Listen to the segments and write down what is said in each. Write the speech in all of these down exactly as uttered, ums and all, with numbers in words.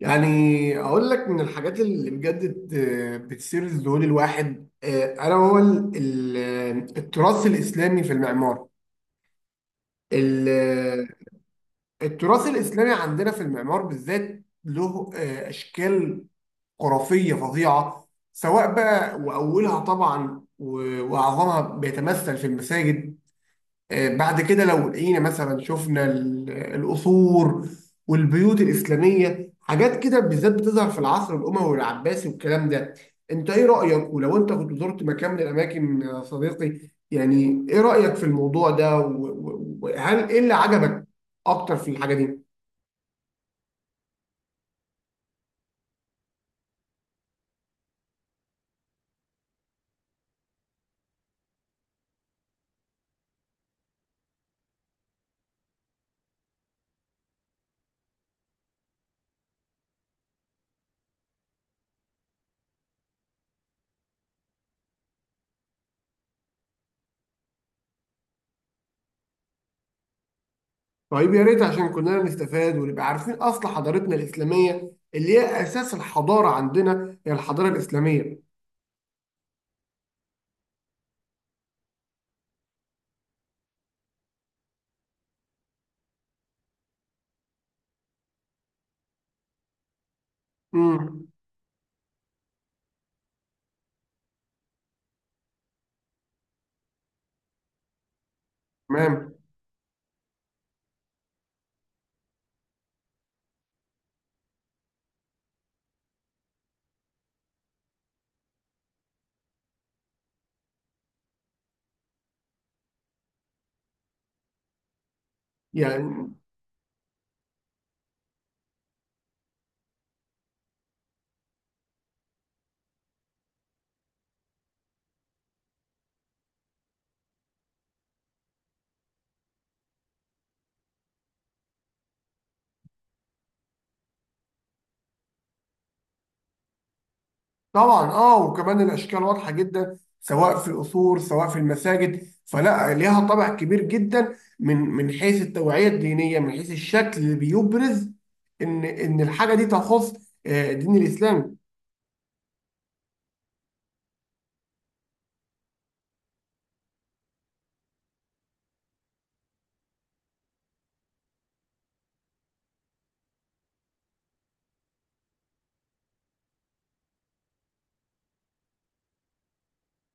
يعني اقول لك من الحاجات اللي بجد بت- بتثير الذهول الواحد آه، انا هو ال- ال- التراث الاسلامي في المعمار ال- التراث الاسلامي عندنا في المعمار بالذات له آه، اشكال خرافيه فظيعه، سواء بقى، واولها طبعا و- واعظمها بيتمثل في المساجد. آه، بعد كده لو لقينا مثلا، شفنا ال- القصور والبيوت الإسلامية، حاجات كده بالذات بتظهر في العصر الأموي والعباسي والكلام ده. انت ايه رأيك؟ ولو انت كنت زرت مكان من الأماكن يا صديقي، يعني ايه رأيك في الموضوع ده و- و- وهل ايه اللي عجبك اكتر في الحاجة دي؟ طيب، يا ريت، عشان كلنا نستفاد ونبقى عارفين اصل حضارتنا الإسلامية اللي هي اساس الحضارة عندنا، هي الحضارة الإسلامية. امم تمام. يعني طبعا اه، وكمان الاشكال واضحه جدا سواء في القصور سواء في المساجد، فلا ليها طابع كبير جدا من من حيث التوعيه الدينيه، من حيث الشكل اللي بيبرز ان ان الحاجه دي تخص آه، دين الاسلام.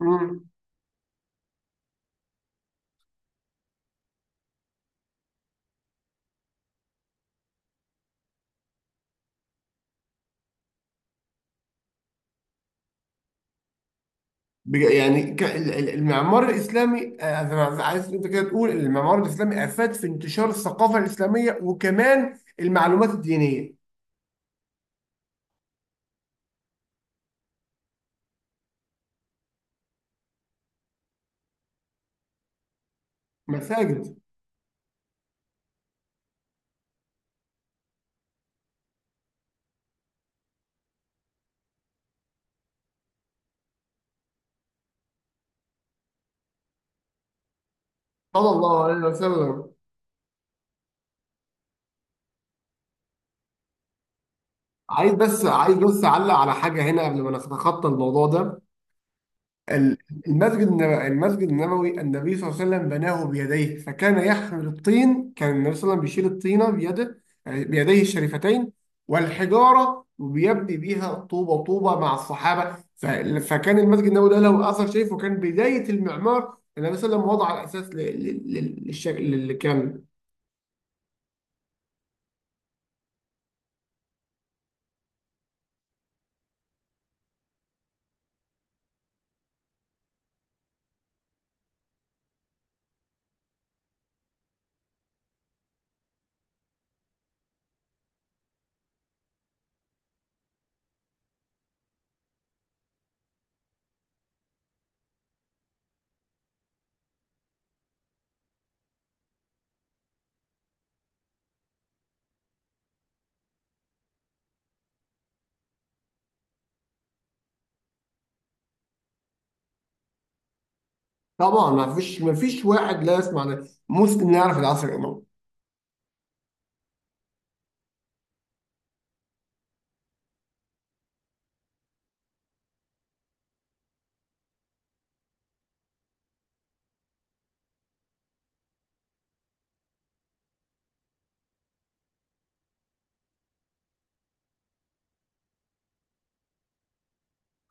مم. بج- يعني ك- ال- ال- المعمار الاسلامي، آه، أنا عايز انت كده تقول إن المعمار الاسلامي افاد في انتشار الثقافه الاسلاميه وكمان المعلومات الدينيه. مساجد. صلى الله عليه وسلم. عايز بس، عايز بس اعلق على حاجه هنا قبل ما نتخطى الموضوع ده. ال- المسجد النبوي، المسجد النبوي النبي صلى الله عليه وسلم بناه بيديه، فكان يحمل الطين، كان النبي صلى الله عليه وسلم بيشيل الطينه بيده، يعني بيديه الشريفتين والحجاره، وبيبني بيها طوبه طوبه مع الصحابه. ف- فكان المسجد النبوي ده له اثر شريف، وكان بدايه المعمار. النبي صلى الله عليه وسلم وضع الاساس ل- ل- ل- للشكل اللي كان. طبعا، ما فيش ما فيش واحد لا يسمع، مسلم لا يعرف العصر الاموي.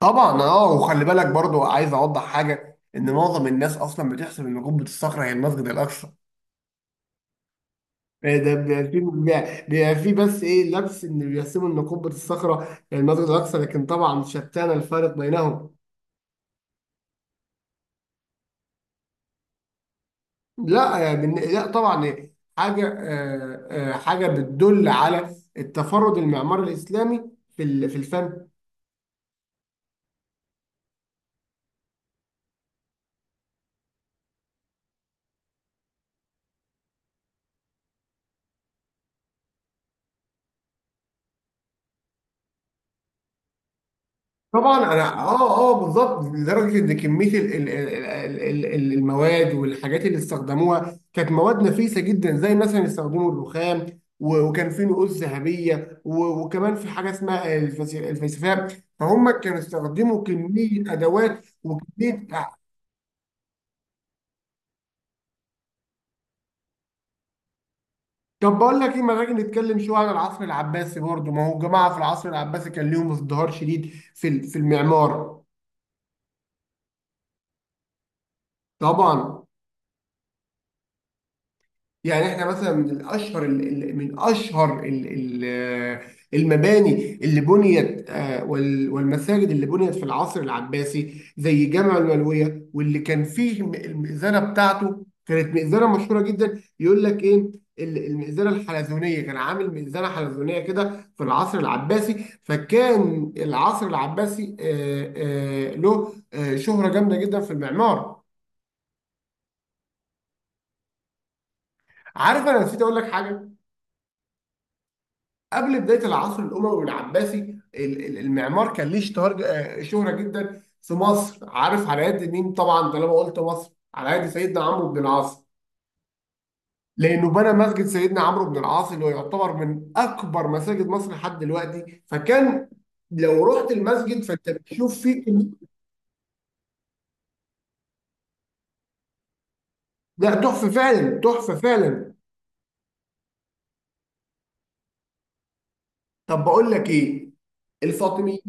طبعا اه، وخلي بالك برضو، عايز اوضح حاجه ان معظم الناس اصلا بتحسب ان قبه الصخره هي المسجد الاقصى. إيه ده؟ بيبقى في بيبقى في بس ايه، لبس ان بيحسبوا ان قبه الصخره هي المسجد الاقصى، لكن طبعا شتان الفارق بينهم. لا يا بن- لا طبعا، آه، حاجه، آه، آه، حاجه بتدل على التفرد المعماري الاسلامي في ال- في الفن. طبعا انا اه اه بالظبط، لدرجه ان كميه ال- ال- ال- ال- ال- المواد والحاجات اللي استخدموها كانت مواد نفيسه جدا، زي مثلا استخدموا الرخام، و- وكان في نقوش ذهبيه، و- وكمان في حاجه اسمها الفس- الفلسفه. فهم كانوا استخدموا كميه ادوات وكميه. طب بقول لك ايه، ما نيجي نتكلم شويه عن العصر العباسي برضه، ما هو الجماعه في العصر العباسي كان ليهم ازدهار شديد في ال- في المعمار. طبعا. يعني احنا مثلا من اشهر ال- ال- من اشهر ال- ال- المباني اللي بنيت، آه، وال- والمساجد اللي بنيت في العصر العباسي، زي جامع الملويه، واللي كان فيه الم- المئذنه بتاعته كانت مئذنه مشهوره جدا. يقول لك ايه، ال- المئذنه الحلزونيه، كان عامل مئذنه حلزونيه كده في العصر العباسي، فكان العصر العباسي آه، آه، له آه، شهره جامده جدا في المعمار. عارف، انا نسيت اقول لك حاجه. قبل بدايه العصر الاموي العباسي، ال- ال- المعمار كان ليه اشتهار ج- آه، شهره جدا في مصر. عارف على يد مين؟ طبعا، طالما قلت مصر، على يد سيدنا عمرو بن العاص، لانه بنى مسجد سيدنا عمرو بن العاص اللي هو يعتبر من اكبر مساجد مصر لحد دلوقتي، فكان لو رحت المسجد، فانت بتشوف فيه كم- لا تحفه فعلا، تحفه فعلا. طب بقول لك ايه، الفاطميين.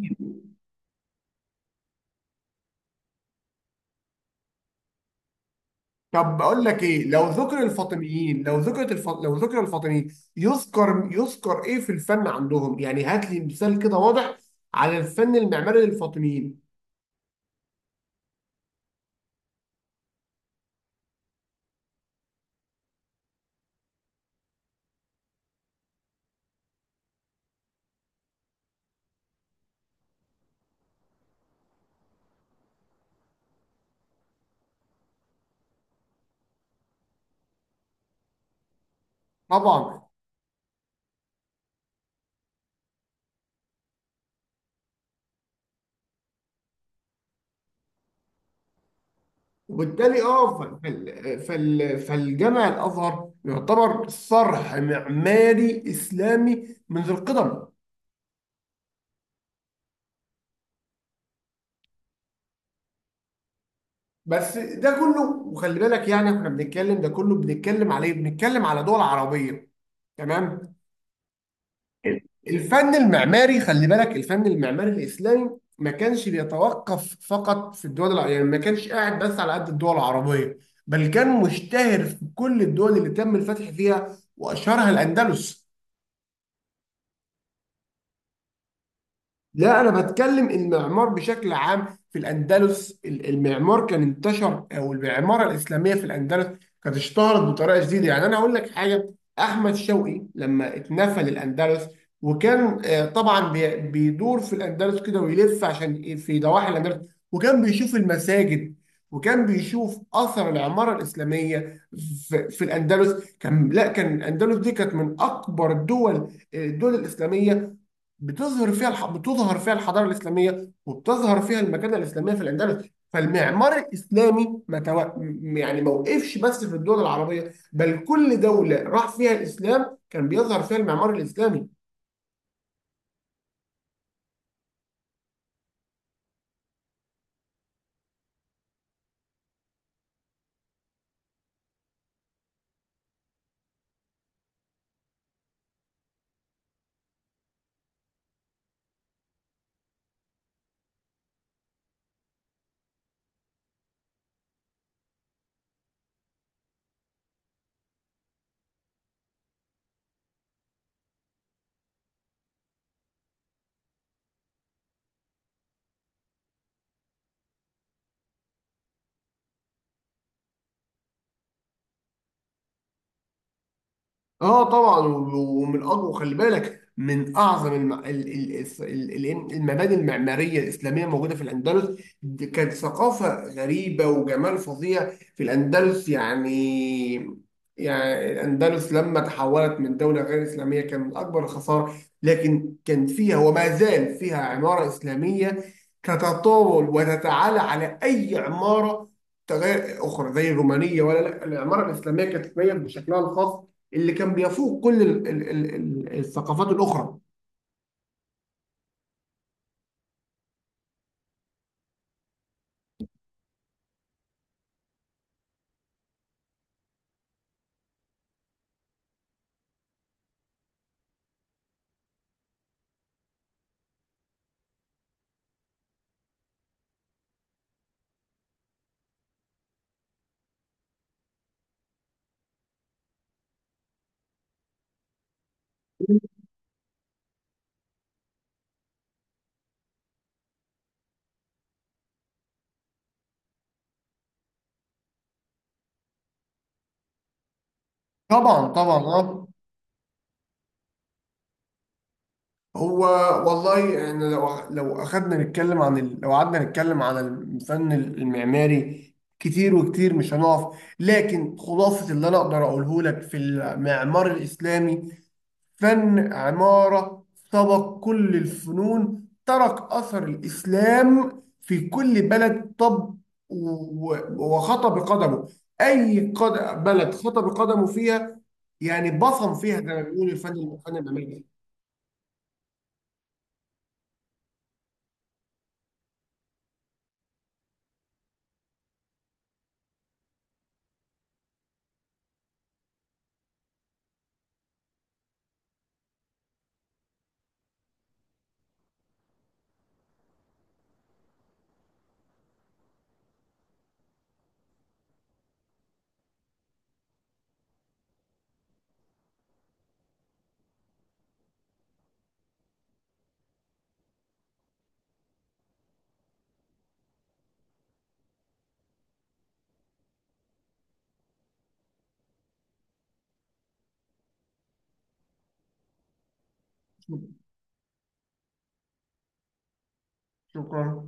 طب اقول لك ايه، لو ذكر الفاطميين لو ذكرت الف... لو ذكر الفاطميين، يذكر، يذكر ايه في الفن عندهم؟ يعني هات لي مثال كده واضح على الفن المعماري للفاطميين. طبعا. وبالتالي اه، ف- فال... فال... فالجامع الازهر يعتبر صرح معماري اسلامي منذ القدم. بس ده كله، وخلي بالك يعني احنا بنتكلم، ده كله بنتكلم عليه، بنتكلم على دول عربيه. تمام. الفن المعماري، خلي بالك، الفن المعماري الإسلامي ما كانش بيتوقف فقط في الدول الع... يعني ما كانش قاعد بس على قد الدول العربية، بل كان مشتهر في كل الدول اللي تم الفتح فيها، وأشهرها الأندلس. لا انا بتكلم المعمار بشكل عام. في الاندلس ال- المعمار كان انتشر، او المعمارة الاسلامية في الاندلس كانت اشتهرت بطريقة جديدة. يعني انا هقول لك حاجة، احمد شوقي لما اتنفى للاندلس، وكان آه، طبعا بي- بيدور في الاندلس كده ويلف، عشان ي- في ضواحي الاندلس، وكان بيشوف المساجد، وكان بيشوف اثر العمارة الاسلامية في, في الاندلس. كان، لا، كان الاندلس دي كانت من اكبر الدول، الدول الاسلامية بتظهر فيها الح... بتظهر فيها الحضاره الاسلاميه وبتظهر فيها المكانه الاسلاميه في الاندلس. فالمعمار الاسلامي ما تو... م- يعني ما وقفش بس في الدول العربيه، بل كل دوله راح فيها الاسلام كان بيظهر فيها المعمار الاسلامي. اه طبعا، و- ومن اقوى، خلي بالك، من اعظم الم... ال... ال... الس- ال... ال- المباني المعماريه الاسلاميه موجوده في الاندلس. دي كانت ثقافه غريبه وجمال فظيع في الاندلس يعني. يعني الاندلس لما تحولت من دوله غير اسلاميه، كان من اكبر الخساره، لكن كان فيها وما زال فيها عماره اسلاميه تتطاول وتتعالى على اي عماره تغير اخرى، زي الرومانيه. ولا لا، العماره الاسلاميه كانت تتميز بشكلها الخاص اللي كان بيفوق كل ال- ال- ال- ال- الثقافات الاخرى. طبعا طبعا اه. هو والله احنا لو لو اخدنا نتكلم عن ال... لو قعدنا نتكلم عن الفن المعماري، كتير وكتير مش هنقف. لكن خلاصة اللي انا اقدر اقوله لك في المعمار الاسلامي، فن عمارة سبق كل الفنون، ترك أثر الإسلام في كل بلد، طب، و- وخطى بقدمه أي قد... بلد خطى بقدمه فيها، يعني بصم فيها، زي ما بيقول الفن، الفن الأمريكي. شكرا.